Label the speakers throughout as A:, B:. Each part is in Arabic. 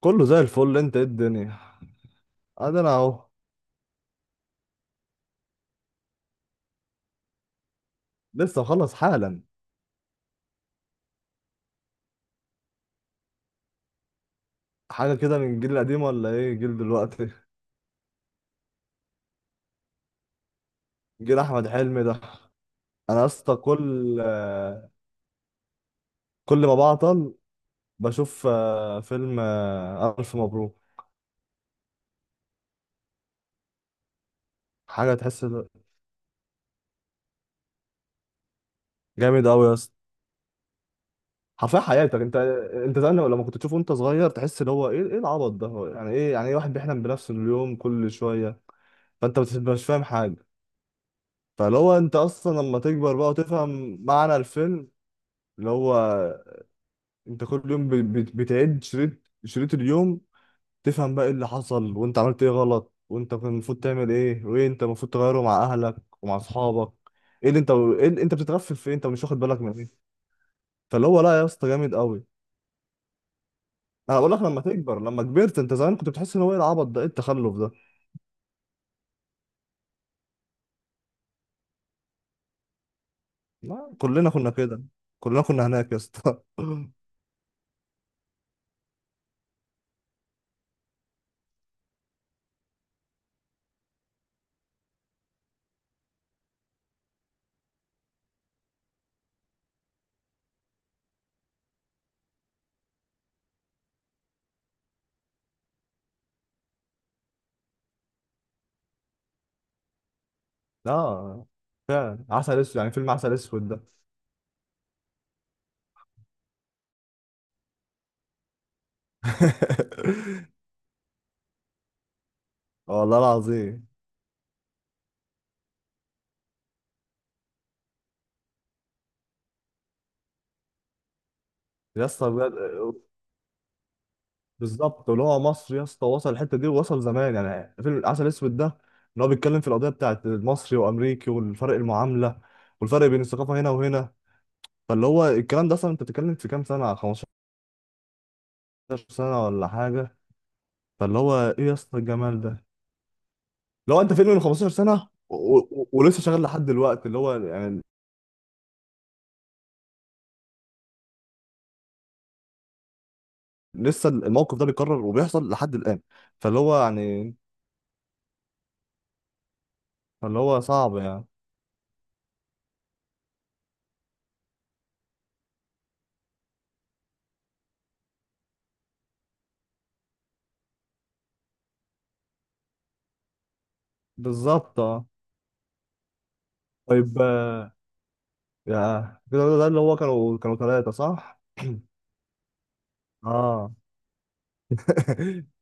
A: كله زي الفل. انت ايه الدنيا؟ ادي انا اهو. لسه مخلص حالا. حاجه كده من الجيل القديم ولا ايه جيل دلوقتي؟ جيل احمد حلمي ده. انا يا اسطى كل ما بعطل بشوف فيلم الف مبروك. حاجه تحس. جامد قوي يا اسطى. حرفيا حياتك انت. انت زمان لما كنت تشوفه وانت صغير تحس اللي هو ايه العبط ده؟ هو يعني ايه؟ يعني ايه واحد بيحلم بنفس اليوم كل شويه؟ فانت مش فاهم حاجه. فاللي هو انت اصلا لما تكبر بقى وتفهم معنى الفيلم، اللي هو انت كل يوم بتعد شريط، شريط اليوم، تفهم بقى ايه اللي حصل، وانت عملت ايه غلط، وانت كان المفروض تعمل ايه، وايه انت المفروض تغيره مع اهلك ومع اصحابك. ايه اللي انت بتتغفل في ايه؟ انت مش واخد بالك من ايه؟ فاللي هو لا يا اسطى، جامد قوي. انا بقول لك، لما كبرت، انت زمان كنت بتحس ان هو ايه العبط ده، ايه التخلف ده. لا، كلنا كنا كده. كلنا كنا هناك يا اسطى. اه. فعلا عسل اسود، يعني فيلم عسل اسود ده. والله العظيم يا اسطى بجد. بالظبط، اللي هو مصر يا اسطى وصل الحته دي، ووصل زمان، يعني فيلم العسل الاسود ده ان هو بيتكلم في القضيه بتاعت المصري وامريكي، والفرق المعامله، والفرق بين الثقافه هنا وهنا. فاللي هو الكلام ده اصلا انت بتتكلم في كام سنه؟ 15 سنه ولا حاجه. فاللي هو ايه يا اسطى الجمال ده؟ لو انت فيلم من 15 سنه ولسه شغال لحد دلوقتي، اللي هو يعني لسه الموقف ده بيتكرر وبيحصل لحد الان. فاللي هو يعني، فاللي هو صعب يعني. بالظبط، اه. طيب يا كده ده اللي هو كانوا ثلاثه، صح؟ اه.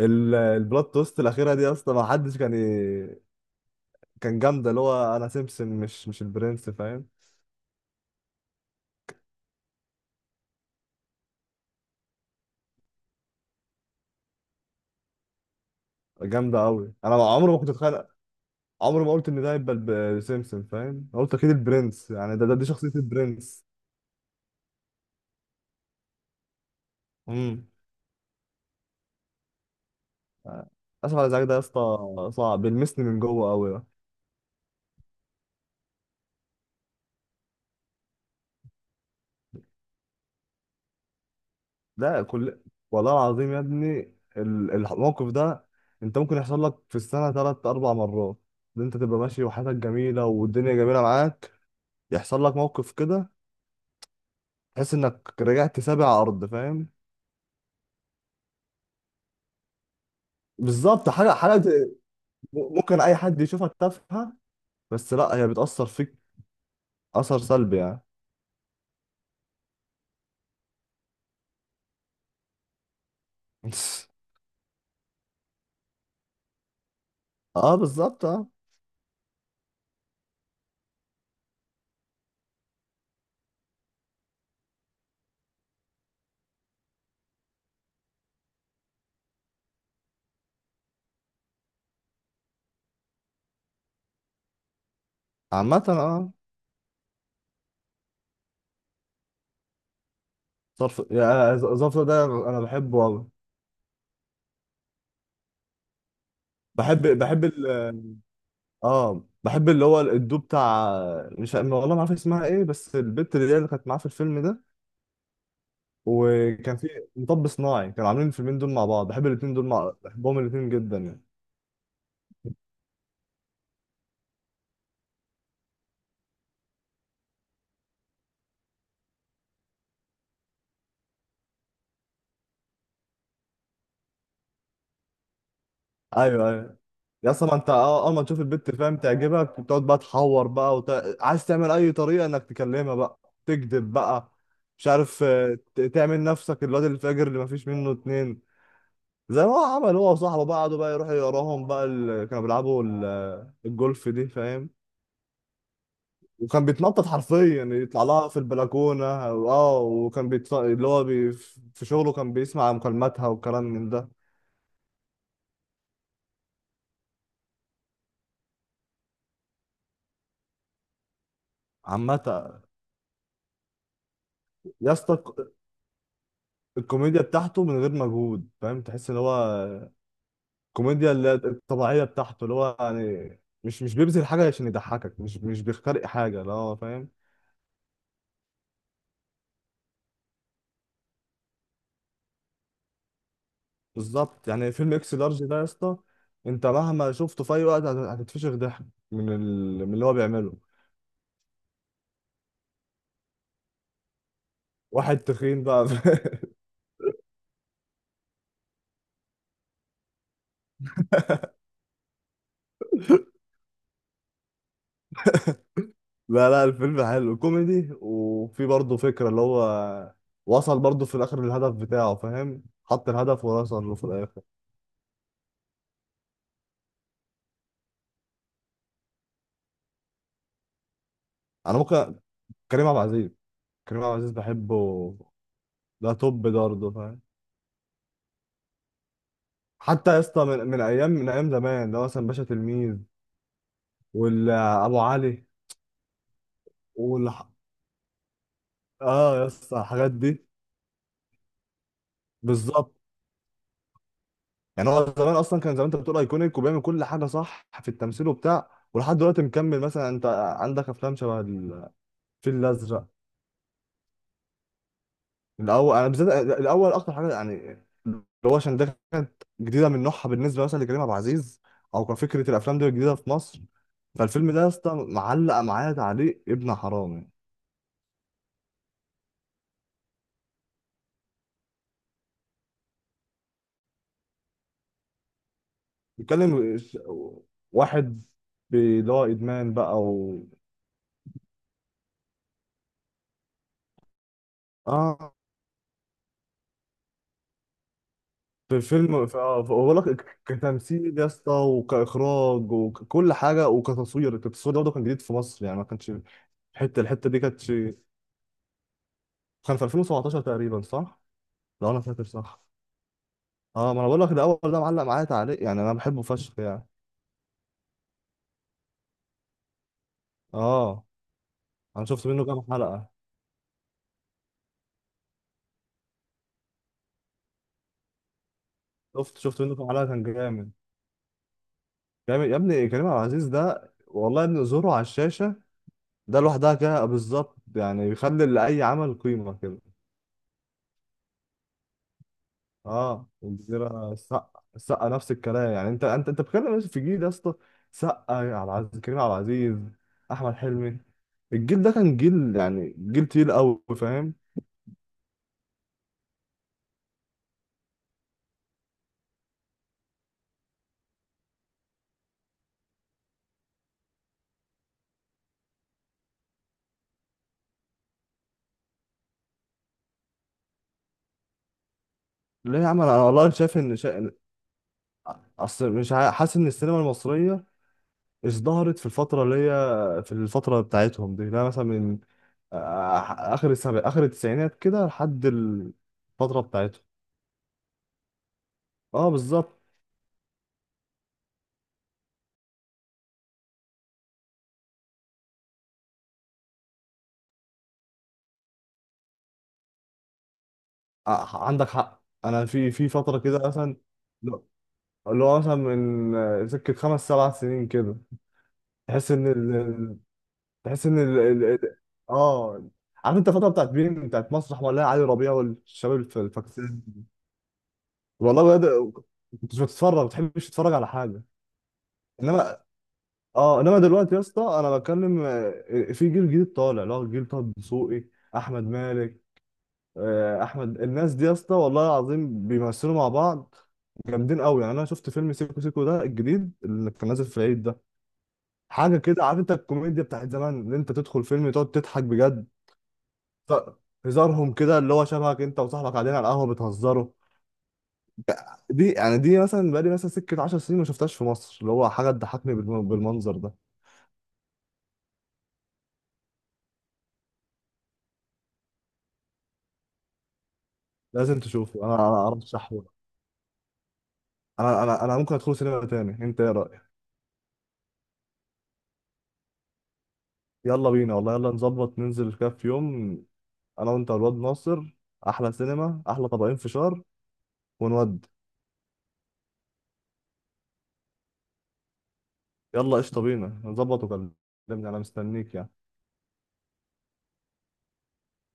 A: البلوت توست الاخيره دي اصلا ما حدش كان كان جامده. اللي هو انا سيمبسون، مش البرنس، فاهم. جامده قوي. انا عمري ما كنت اتخانق، عمري ما قلت ان ده هيبقى سيمبسون، فاهم. أنا قلت اكيد البرنس، يعني ده دي شخصيه البرنس. امم. اسف على الازعاج ده يا اسطى، صعب، بيلمسني من جوه قوي ده. ده كل والله العظيم يا ابني، الموقف ده انت ممكن يحصل لك في السنه ثلاث اربع مرات. ان انت تبقى ماشي وحياتك جميله والدنيا جميله معاك، يحصل لك موقف كده تحس انك رجعت سابع ارض، فاهم. بالظبط، حاجه حاجه ممكن اي حد يشوفك تافهه، بس لا، هي بتاثر فيك، اثر سلبي يعني. اه، بالظبط، اه. عامه، اه. صرف، يعني الظرف ده انا بحبه أوي. بحب بحب ال اه، بحب اللي هو الدو بتاع، مش عارف- والله ما عارف اسمها ايه، بس البت اللي كانت معاه في الفيلم ده، وكان في مطب صناعي. كانوا عاملين الفيلمين دول مع بعض. بحبهم الاتنين جدا يعني. ايوه، ايوه. يا اسطى ما انت، اول ما تشوف البت، فاهم، تعجبك، بتقعد بقى تحور بقى عايز تعمل اي طريقه انك تكلمها بقى، تكذب بقى، مش عارف، تعمل نفسك الواد الفاجر اللي ما فيش منه اتنين. زي ما هو عمل، هو وصاحبه بقى، قعدوا بقى يروحوا يقراهم بقى كانوا بيلعبوا الجولف دي، فاهم. وكان بيتنطط حرفيا يعني، يطلع لها في البلكونه، وكان بيت... اللي هو بي... في شغله كان بيسمع مكالماتها والكلام من ده. عامة يا اسطى، الكوميديا بتاعته من غير مجهود، فاهم. تحس ان هو الكوميديا اللي هي الطبيعيه بتاعته، اللي هو يعني مش بيبذل حاجه عشان يضحكك، مش بيخترق حاجه، اللي هو فاهم. بالظبط. يعني فيلم اكس لارج ده يا اسطى، انت مهما شفته في اي وقت هتتفشخ ضحك من اللي هو بيعمله. واحد تخين بقى. لا لا، الفيلم حلو، كوميدي، وفي برضه فكره اللي هو وصل برضه في الاخر للهدف بتاعه، فاهم، حط الهدف ووصل له في الاخر. انا ممكن، كريم عبد العزيز. كريم عبد العزيز بحبه. ده توب ده برضه، فاهم. حتى يا اسطى، من ايام زمان، ده مثلا باشا تلميذ، والابو علي، وال اه يا اسطى، الحاجات دي بالظبط. يعني هو زمان اصلا، كان زمان انت بتقول ايكونيك وبيعمل كل حاجه صح في التمثيل وبتاع، ولحد دلوقتي مكمل. مثلا انت عندك افلام شبه الفيل الازرق. الاول، انا بالذات الاول اكتر حاجه، يعني اللي هو عشان ده كانت جديده من نوعها بالنسبه مثلا لكريم عبد العزيز، او كفكره الافلام دي جديده في مصر. فالفيلم ده يا اسطى معلق معايا تعليق ابن حرام يعني. بيتكلم ش- واحد اللي هو ادمان بقى اه، في الفيلم، في اه بقول لك كتمثيل يا اسطى، وكاخراج، وكل حاجه، وكتصوير. التصوير ده برضه كان جديد في مصر، يعني ما كانش الحته دي كانت، كان في 2017 تقريبا، صح؟ لو انا فاكر صح. اه، ما انا بقول لك، ده اول ده معلق معايا تعليق، يعني انا بحبه فشخ يعني. اه، انا شفت منه كام حلقه. شفت منه كام حلقه، كان جامد. جامد يا ابني. كريم عبد العزيز ده والله يا ابني، ظهوره على الشاشه ده لوحدها كده، بالظبط، يعني بيخلي لاي عمل قيمه كده. اه، الجزيره، السقا نفس الكلام، يعني انت بتتكلم في جيل يا اسطى. سقا، عبد العزيز، كريم عبد العزيز، احمد حلمي. الجيل ده كان جيل، يعني جيل تقيل قوي، فاهم. ليه يا عم؟ انا والله شايف ان اصل مش حاسس ان السينما المصريه ازدهرت في الفتره بتاعتهم دي. لا مثلا، من اخر اخر التسعينات كده لحد الفتره بتاعتهم. اه، بالظبط. عندك حق. انا في فتره كده مثلا، اللي هو مثلا من سكه خمس سبع سنين كده، تحس تحس ان ال... ال... ال- اه. عارف انت الفتره بتاعت مين؟ بتاعت مسرح ولا علي ربيع والشباب الفكسان. والله بجد، كنت مش بتتفرج، ما بتحبش تتفرج على حاجه. انما، اه، انما دلوقتي يا اسطى، انا بتكلم، في جيل جديد طالع، اللي هو جيل طه دسوقي، احمد مالك، احمد. الناس دي يا اسطى والله العظيم بيمثلوا مع بعض جامدين قوي، يعني انا شفت فيلم سيكو سيكو ده الجديد اللي كان نازل في العيد ده. حاجه كده، عارف انت الكوميديا بتاعت زمان، اللي انت تدخل فيلم تقعد تضحك بجد. ط- هزارهم كده اللي هو شبهك انت وصاحبك قاعدين على القهوه بتهزروا. دي يعني دي مثلا، بقالي مثلا سكه 10 سنين ما شفتهاش في مصر، اللي هو حاجه تضحكني بالمنظر ده. لازم تشوفه، انا ارشحه. انا ممكن ادخل سينما تاني. انت ايه رايك؟ يلا بينا، والله، يلا نظبط ننزل كده في يوم، انا وانت والواد ناصر. احلى سينما، احلى طبقين فشار، ونود. يلا قشطه، بينا نظبط وكلمني. انا مستنيك يعني.